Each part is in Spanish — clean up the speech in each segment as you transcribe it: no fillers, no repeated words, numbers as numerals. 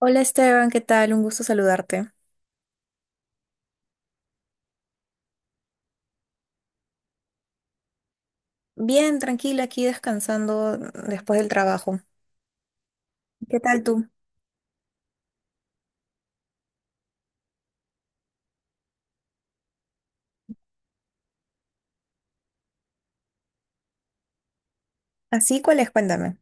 Hola Esteban, ¿qué tal? Un gusto saludarte. Bien, tranquila, aquí descansando después del trabajo. ¿Qué tal tú? ¿Así cuál es? Cuéntame.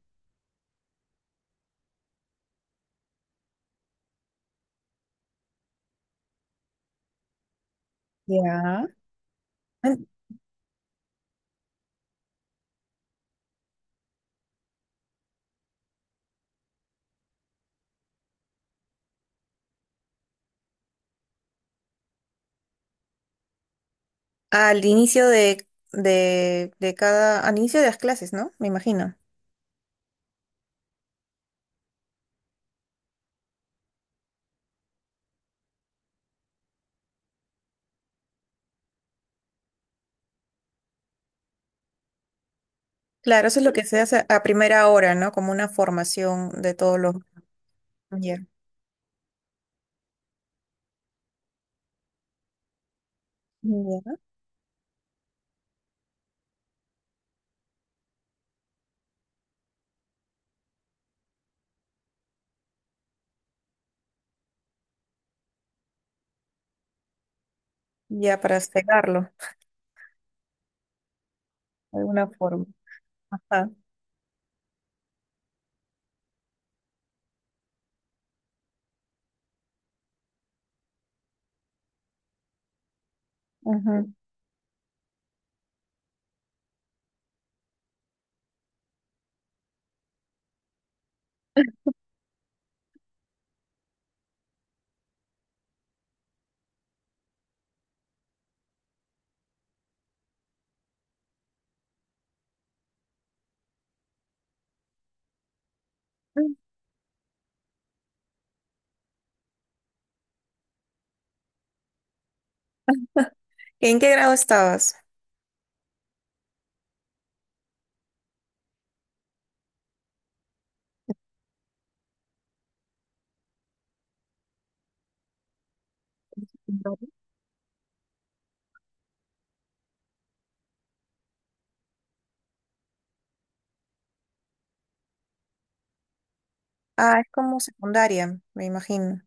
Ya. Cuen- Al inicio de, de cada, al inicio de las clases, ¿no? Me imagino. Claro, eso es lo que se hace a primera hora, ¿no? Como una formación de todos los... Ya, ya. Ya para cegarlo, de alguna forma. Ajá. Ujú. ¿En qué grado estabas? Vale. Ah, es como secundaria, me imagino.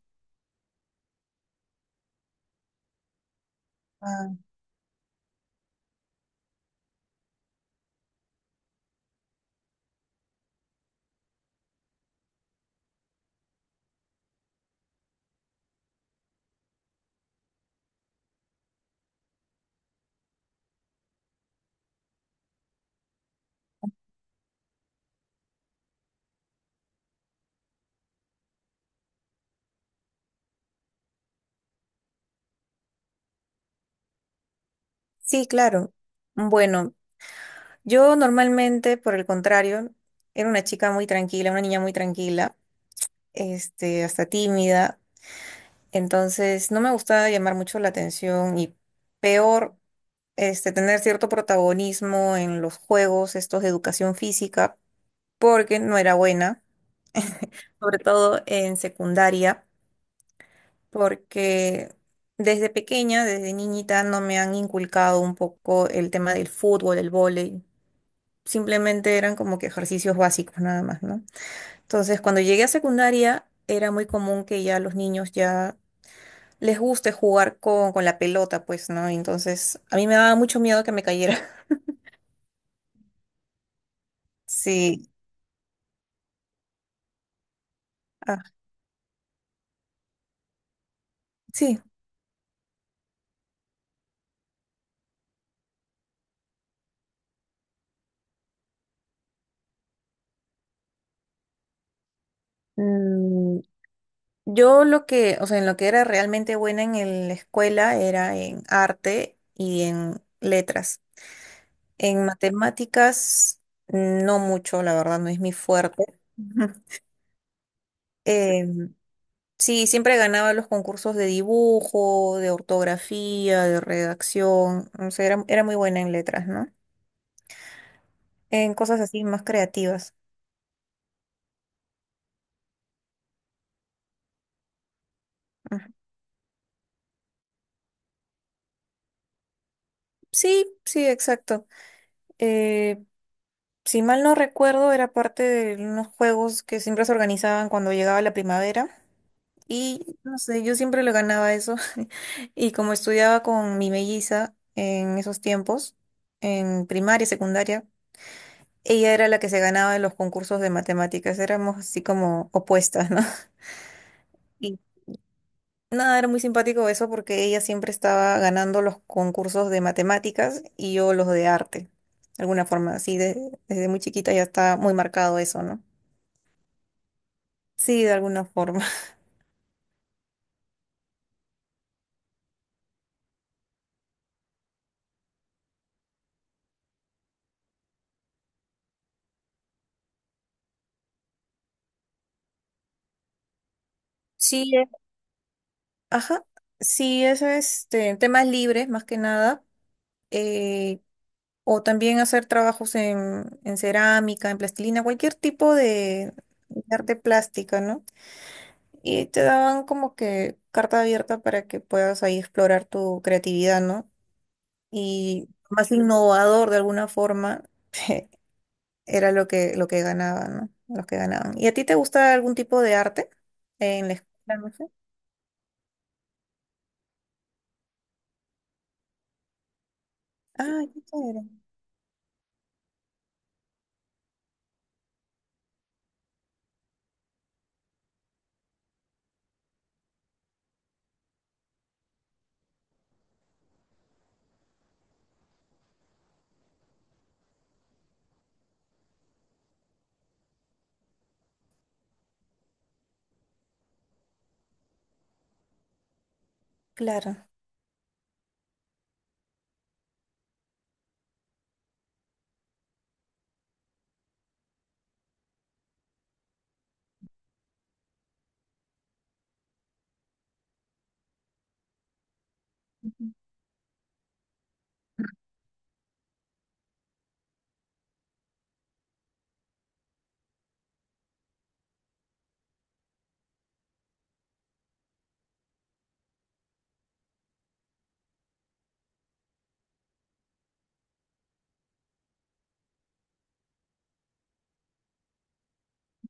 Sí, claro. Bueno, yo normalmente, por el contrario, era una chica muy tranquila, una niña muy tranquila, hasta tímida. Entonces, no me gustaba llamar mucho la atención y peor, tener cierto protagonismo en los juegos, estos de educación física, porque no era buena, sobre todo en secundaria, porque desde pequeña, desde niñita, no me han inculcado un poco el tema del fútbol, el vóley. Simplemente eran como que ejercicios básicos nada más, ¿no? Entonces, cuando llegué a secundaria, era muy común que ya los niños ya les guste jugar con la pelota, pues, ¿no? Entonces, a mí me daba mucho miedo que me cayera. Sí, ah, sí. Mm, yo lo que, o sea, en lo que era realmente buena en la escuela era en arte y en letras. En matemáticas, no mucho, la verdad, no es mi fuerte. Em, Sí, siempre ganaba los concursos de dibujo, de ortografía, de redacción. O sea, era muy buena en letras, ¿no? En cosas así más creativas. Ujú. Sí, sí, exacto. Eh, si mal no recuerdo, era parte de unos juegos que siempre se organizaban cuando llegaba la primavera. Y no sé, yo siempre lo ganaba eso. Y como estudiaba con mi melliza en esos tiempos, en primaria, secundaria, ella era la que se ganaba en los concursos de matemáticas, éramos así como opuestas, ¿no? Y nada, era muy simpático eso porque ella siempre estaba ganando los concursos de matemáticas y yo los de arte, de alguna forma, desde muy chiquita ya está muy marcado eso, ¿no? Sí, de alguna forma. Sí, ajá, sí, eso es temas libres más que nada, eh, o también hacer trabajos en cerámica, en plastilina, cualquier tipo de arte plástica, ¿no? Y te daban como que carta abierta para que puedas ahí explorar tu creatividad, ¿no? Y más innovador de alguna forma era lo que ganaban, ¿no? Los que ganaban. ¿Y a ti te gusta algún tipo de arte en la escuela, no sé? Ah, qué chévere. Claro.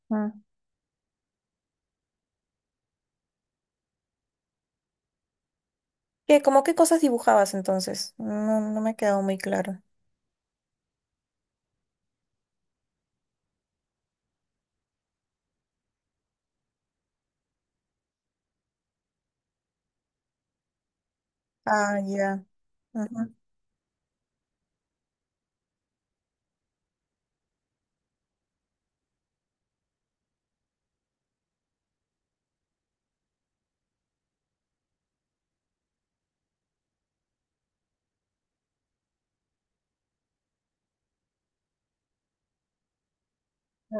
Ah. ¿Qué, como qué cosas dibujabas entonces? No, no me ha quedado muy claro. Ah, ya. Ujú.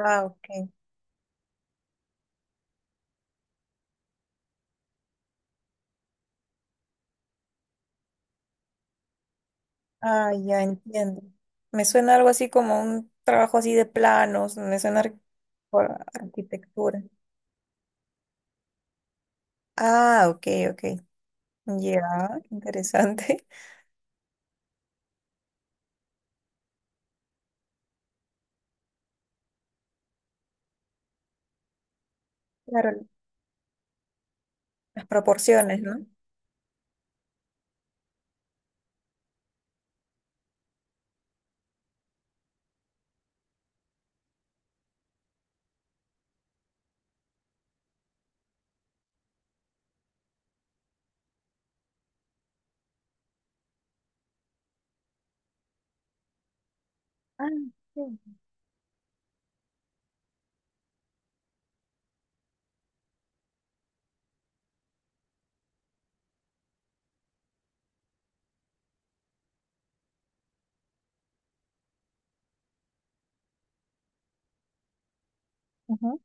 Ah, ok. Ah, ya entiendo. Me suena algo así como un trabajo así de planos, me suena por arquitectura. Ah, ok, ok. Ya, interesante. Claro, las proporciones, ¿no? Ah, sí. Ujú.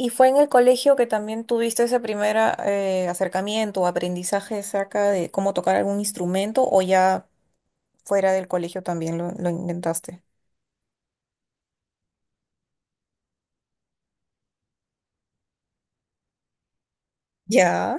¿Y fue en el colegio que también tuviste ese primer acercamiento o aprendizaje acerca de cómo tocar algún instrumento o ya fuera del colegio también lo intentaste? Ya.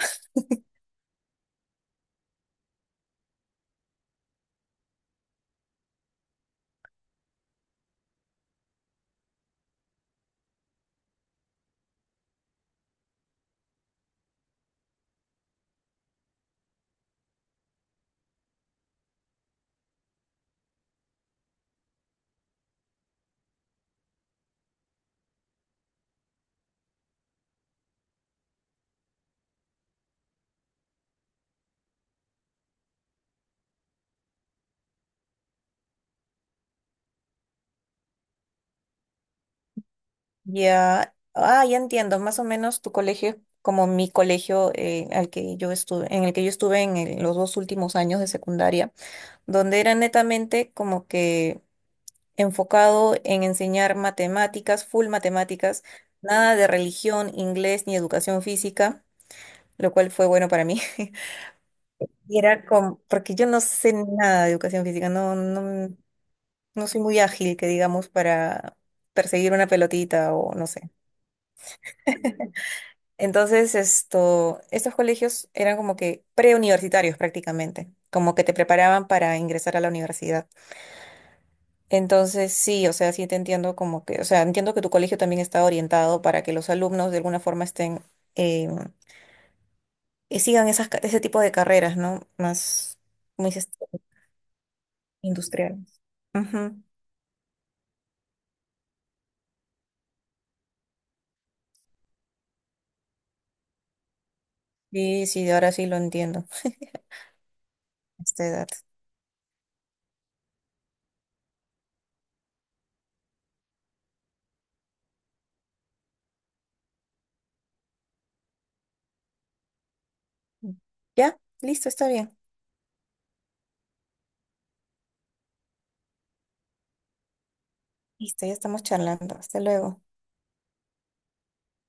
Ya, ah, ya entiendo, más o menos tu colegio, es como mi colegio al que yo estuve, en el que yo estuve en los dos últimos años de secundaria, donde era netamente como que enfocado en enseñar matemáticas, full matemáticas, nada de religión, inglés ni educación física, lo cual fue bueno para mí. Y era como, porque yo no sé nada de educación física, no soy muy ágil, que digamos, para perseguir una pelotita o no sé. Entonces, estos colegios eran como que preuniversitarios prácticamente, como que te preparaban para ingresar a la universidad. Entonces, sí, o sea, sí te entiendo como que, o sea, entiendo que tu colegio también está orientado para que los alumnos de alguna forma estén, eh, sigan esas, ese tipo de carreras, ¿no? Más, muy industriales. Ujú. Sí, sí, ahora sí lo entiendo, a esta edad. Ya, listo, está bien. Listo, ya estamos charlando. Hasta luego.